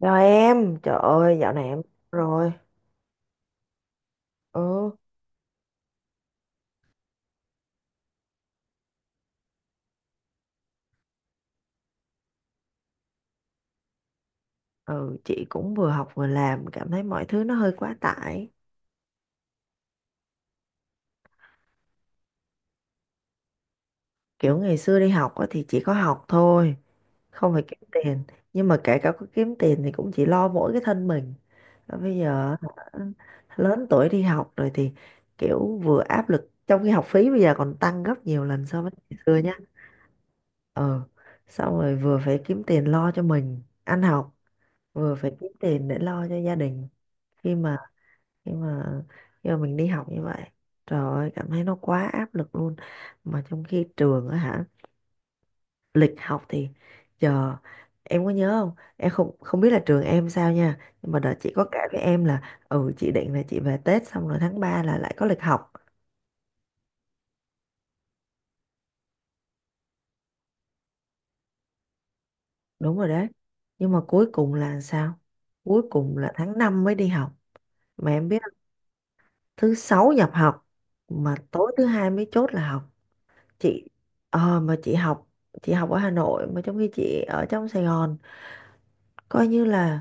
Rồi em, trời ơi, dạo này em rồi. Ừ, ừ, chị cũng vừa học vừa làm, cảm thấy mọi thứ nó hơi quá tải. Kiểu ngày xưa đi học á thì chỉ có học thôi, không phải kiếm tiền. Nhưng mà kể cả có kiếm tiền thì cũng chỉ lo mỗi cái thân mình. Và bây giờ hả, lớn tuổi đi học rồi thì kiểu vừa áp lực, trong khi học phí bây giờ còn tăng gấp nhiều lần so với ngày xưa nhá. Ừ, xong rồi vừa phải kiếm tiền lo cho mình ăn học, vừa phải kiếm tiền để lo cho gia đình. Khi mà nhưng mà giờ mình đi học như vậy, trời ơi cảm thấy nó quá áp lực luôn, mà trong khi trường á hả, lịch học thì giờ em có nhớ không, em không không biết là trường em sao nha, nhưng mà đợt chị có kể với em là ừ chị định là chị về Tết xong rồi tháng 3 là lại có lịch học. Đúng rồi đấy, nhưng mà cuối cùng là sao? Cuối cùng là tháng 5 mới đi học, mà em biết không? Thứ sáu nhập học mà tối thứ hai mới chốt là học. Chị ờ, mà chị học, chị học ở Hà Nội mà trong khi chị ở trong Sài Gòn, coi như là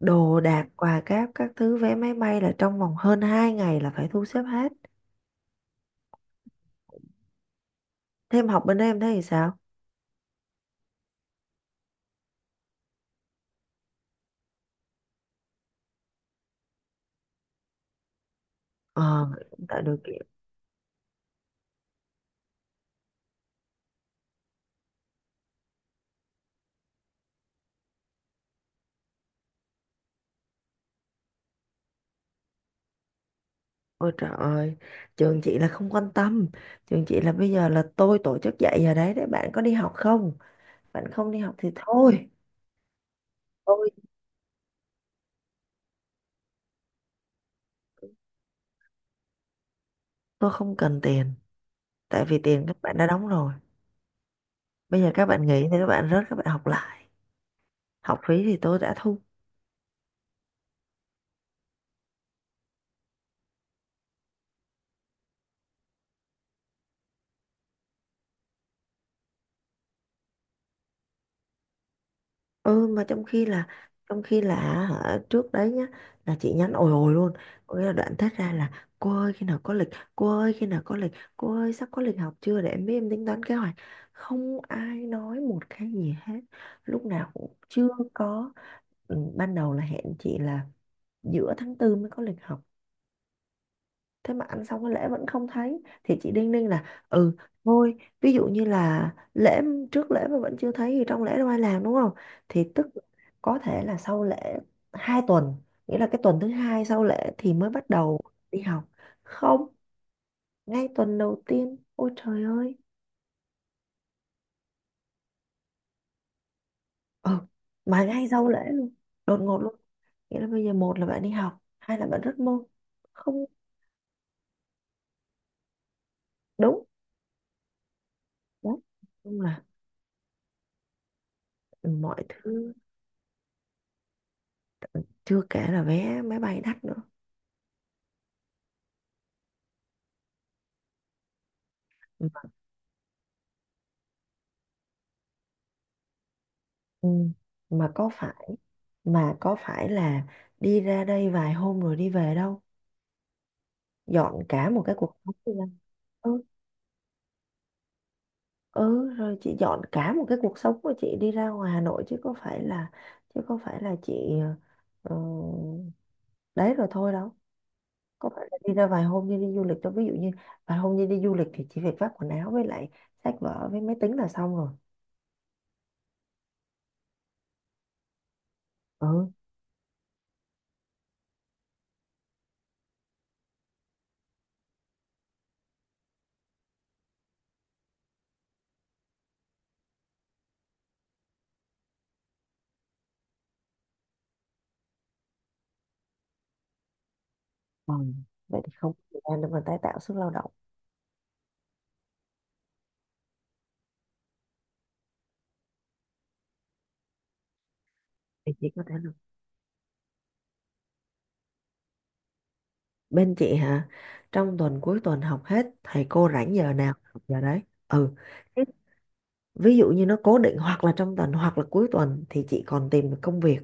đồ đạc quà cáp các thứ vé máy bay là trong vòng hơn 2 ngày là phải thu xếp hết. Thêm học bên đây em thấy thì sao? Ờ tạo điều kiện. Ôi trời ơi, trường chị là không quan tâm. Trường chị là bây giờ là tôi tổ chức dạy giờ đấy để bạn có đi học không, bạn không đi học thì thôi. Tôi tôi không cần tiền, tại vì tiền các bạn đã đóng rồi, bây giờ các bạn nghỉ thì các bạn rớt các bạn học lại, học phí thì tôi đã thu. Ừ mà trong khi là, hả, trước đấy nhá, là chị nhắn ồi ồi luôn, có nghĩa là đoạn thét ra là cô ơi khi nào có lịch, cô ơi khi nào có lịch, cô ơi sắp có lịch học chưa để em biết em tính toán kế hoạch, không ai nói một cái gì hết. Lúc nào cũng chưa có. Ừ, ban đầu là hẹn chị là giữa tháng 4 mới có lịch học. Thế mà ăn xong cái lễ vẫn không thấy thì chị đinh ninh là ừ thôi, ví dụ như là lễ, trước lễ mà vẫn chưa thấy thì trong lễ đâu ai làm đúng không, thì tức có thể là sau lễ 2 tuần, nghĩa là cái tuần thứ hai sau lễ thì mới bắt đầu đi học. Không, ngay tuần đầu tiên, ôi trời ơi. Ừ mà ngay sau lễ luôn, đột ngột luôn. Nghĩa là bây giờ một là bạn đi học, hai là bạn rất môn. Không, đúng đó. Nhưng là mọi thứ chưa kể là vé máy bay đắt nữa. Ừ. Ừ. Mà có phải mà có phải là đi ra đây vài hôm rồi đi về đâu, dọn cả một cái cuộc sống đi ra. Ừ, ừ rồi chị dọn cả một cái cuộc sống của chị đi ra ngoài Hà Nội, chứ có phải là chị ờ, đấy rồi thôi đâu, có phải là đi ra vài hôm như đi du lịch đâu. Ví dụ như vài hôm như đi du lịch thì chỉ việc vác quần áo với lại sách vở với máy tính là xong rồi. Ừ, ừ. Vậy thì không có thời gian để mà tái tạo sức lao động. Thì chỉ có thể. Bên chị hả? Trong tuần cuối tuần học hết, thầy cô rảnh giờ nào học giờ đấy. Ừ. Thế, ví dụ như nó cố định hoặc là trong tuần hoặc là cuối tuần thì chị còn tìm được công việc.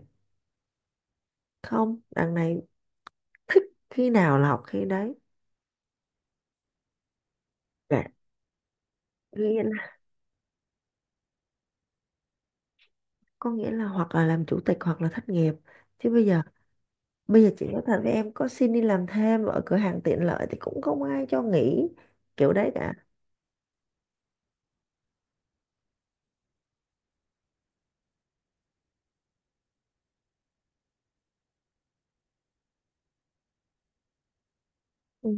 Không, đằng này thích khi nào là học khi đấy. Dạ. Nghĩa là, có nghĩa là hoặc là làm chủ tịch hoặc là thất nghiệp. Chứ bây giờ, bây giờ chị nói thật với em có xin đi làm thêm ở cửa hàng tiện lợi thì cũng không ai cho nghỉ kiểu đấy cả. Ừ.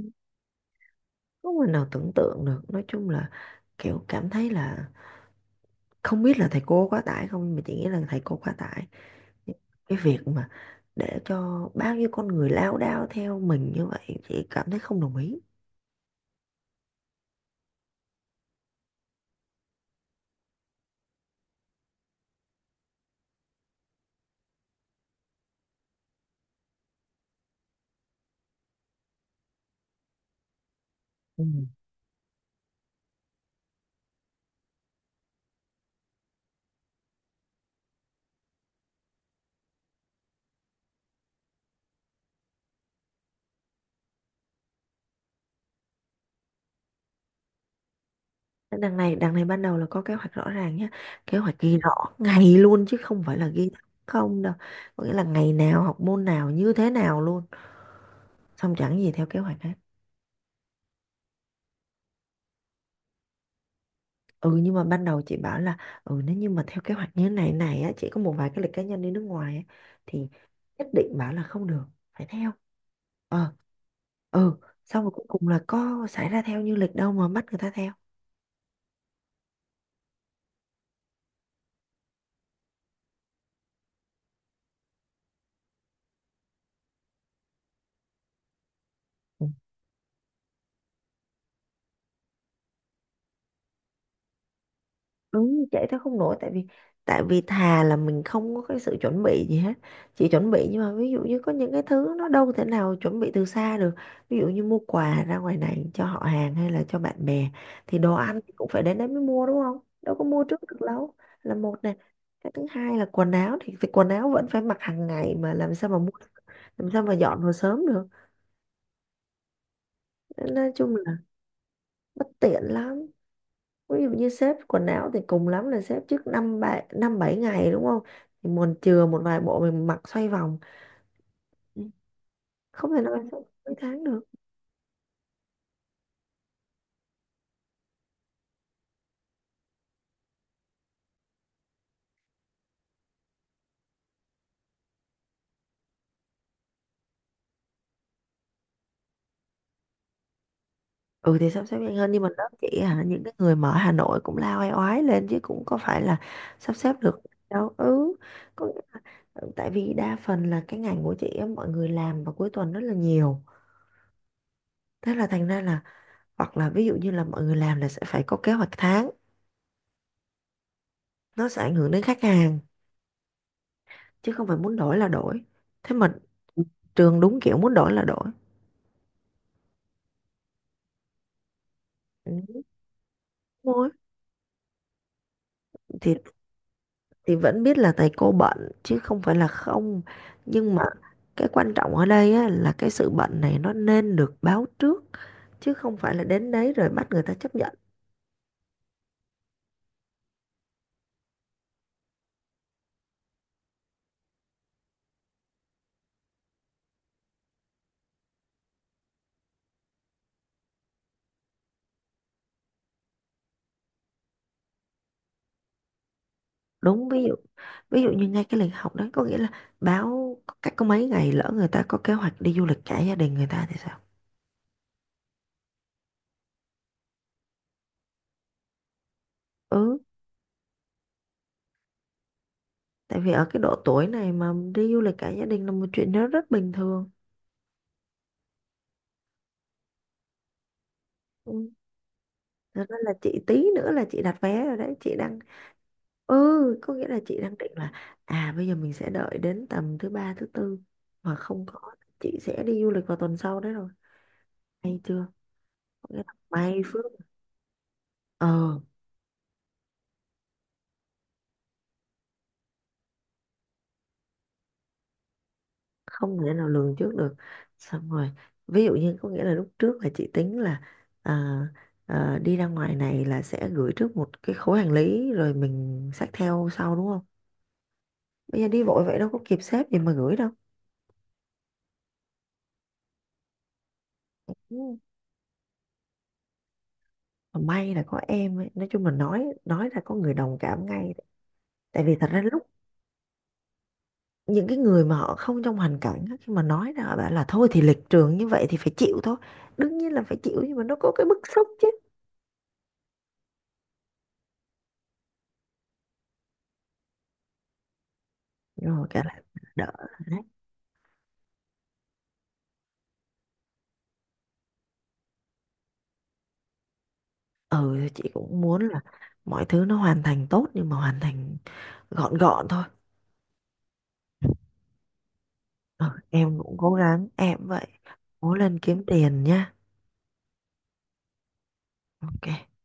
Không người nào tưởng tượng được. Nói chung là kiểu cảm thấy là không biết là thầy cô quá tải không, mà chị nghĩ là thầy cô quá tải cái việc mà để cho bao nhiêu con người lao đao theo mình như vậy, chị cảm thấy không đồng ý. Ừ. Thế đằng này ban đầu là có kế hoạch rõ ràng nhé, kế hoạch ghi rõ ngày luôn chứ không phải là ghi không đâu, có nghĩa là ngày nào học môn nào như thế nào luôn, xong chẳng gì theo kế hoạch hết. Ừ nhưng mà ban đầu chị bảo là ừ nếu như mà theo kế hoạch như thế này này á, chị có một vài cái lịch cá nhân đi nước ngoài á, thì nhất định bảo là không được, phải theo, ờ, ừ. Xong rồi cuối cùng là có xảy ra theo như lịch đâu mà bắt người ta theo. Ừ. Đúng chạy theo không nổi, tại vì thà là mình không có cái sự chuẩn bị gì hết, chỉ chuẩn bị, nhưng mà ví dụ như có những cái thứ nó đâu thể nào chuẩn bị từ xa được. Ví dụ như mua quà ra ngoài này cho họ hàng hay là cho bạn bè thì đồ ăn thì cũng phải đến đấy mới mua đúng không, đâu có mua trước được đâu, là một nè. Cái thứ hai là quần áo thì quần áo vẫn phải mặc hàng ngày mà làm sao mà mua, làm sao mà dọn vào sớm được. Nên nói chung là bất tiện lắm. Ví dụ như xếp quần áo thì cùng lắm là xếp trước năm bảy ngày đúng không, thì mình chừa một vài bộ mình mặc xoay vòng. Ừ. Không thể nào sắp mấy tháng được. Ừ thì sắp xếp nhanh hơn nhưng mà đó chỉ là những cái người mà ở Hà Nội cũng lao oai oái lên chứ cũng có phải là sắp xếp được đâu. Ừ, có nghĩa là, ừ, tại vì đa phần là cái ngành của chị á, mọi người làm vào cuối tuần rất là nhiều, thế là thành ra là hoặc là ví dụ như là mọi người làm là sẽ phải có kế hoạch tháng, nó sẽ ảnh hưởng đến khách hàng, chứ không phải muốn đổi là đổi, thế mà trường đúng kiểu muốn đổi là đổi. Ừ, đúng thôi. thì thì vẫn biết là thầy cô bận chứ không phải là không, nhưng mà cái quan trọng ở đây á, là cái sự bận này nó nên được báo trước, chứ không phải là đến đấy rồi bắt người ta chấp nhận. Đúng, ví dụ như ngay cái lịch học đấy có nghĩa là báo cách có mấy ngày, lỡ người ta có kế hoạch đi du lịch cả gia đình người ta thì sao. Ừ, tại vì ở cái độ tuổi này mà đi du lịch cả gia đình là một chuyện nó rất bình thường. Ừ. Thật ra là chị tí nữa là chị đặt vé rồi đấy, chị đang ừ, có nghĩa là chị đang định là à bây giờ mình sẽ đợi đến tầm thứ ba thứ tư, mà không có chị sẽ đi du lịch vào tuần sau đấy rồi hay chưa, có nghĩa là may phước, ờ. Không thể nào lường trước được. Xong rồi ví dụ như có nghĩa là lúc trước là chị tính là à, à, đi ra ngoài này là sẽ gửi trước một cái khối hành lý rồi mình xách theo sau đúng không, bây giờ đi vội vậy đâu có kịp xếp gì mà gửi đâu. Ừ. Mà may là có em ấy. Nói chung là nói ra có người đồng cảm ngay, tại vì thật ra lúc những cái người mà họ không trong hoàn cảnh á, khi mà nói ra họ bảo là thôi thì lịch trường như vậy thì phải chịu thôi, đương nhiên là phải chịu nhưng mà nó có cái bức xúc chứ. Rồi cả là đỡ đấy. Ừ thì chị cũng muốn là mọi thứ nó hoàn thành tốt nhưng mà hoàn thành gọn gọn thôi. Ừ, em cũng cố gắng em cũng vậy, cố lên kiếm tiền nha. OK.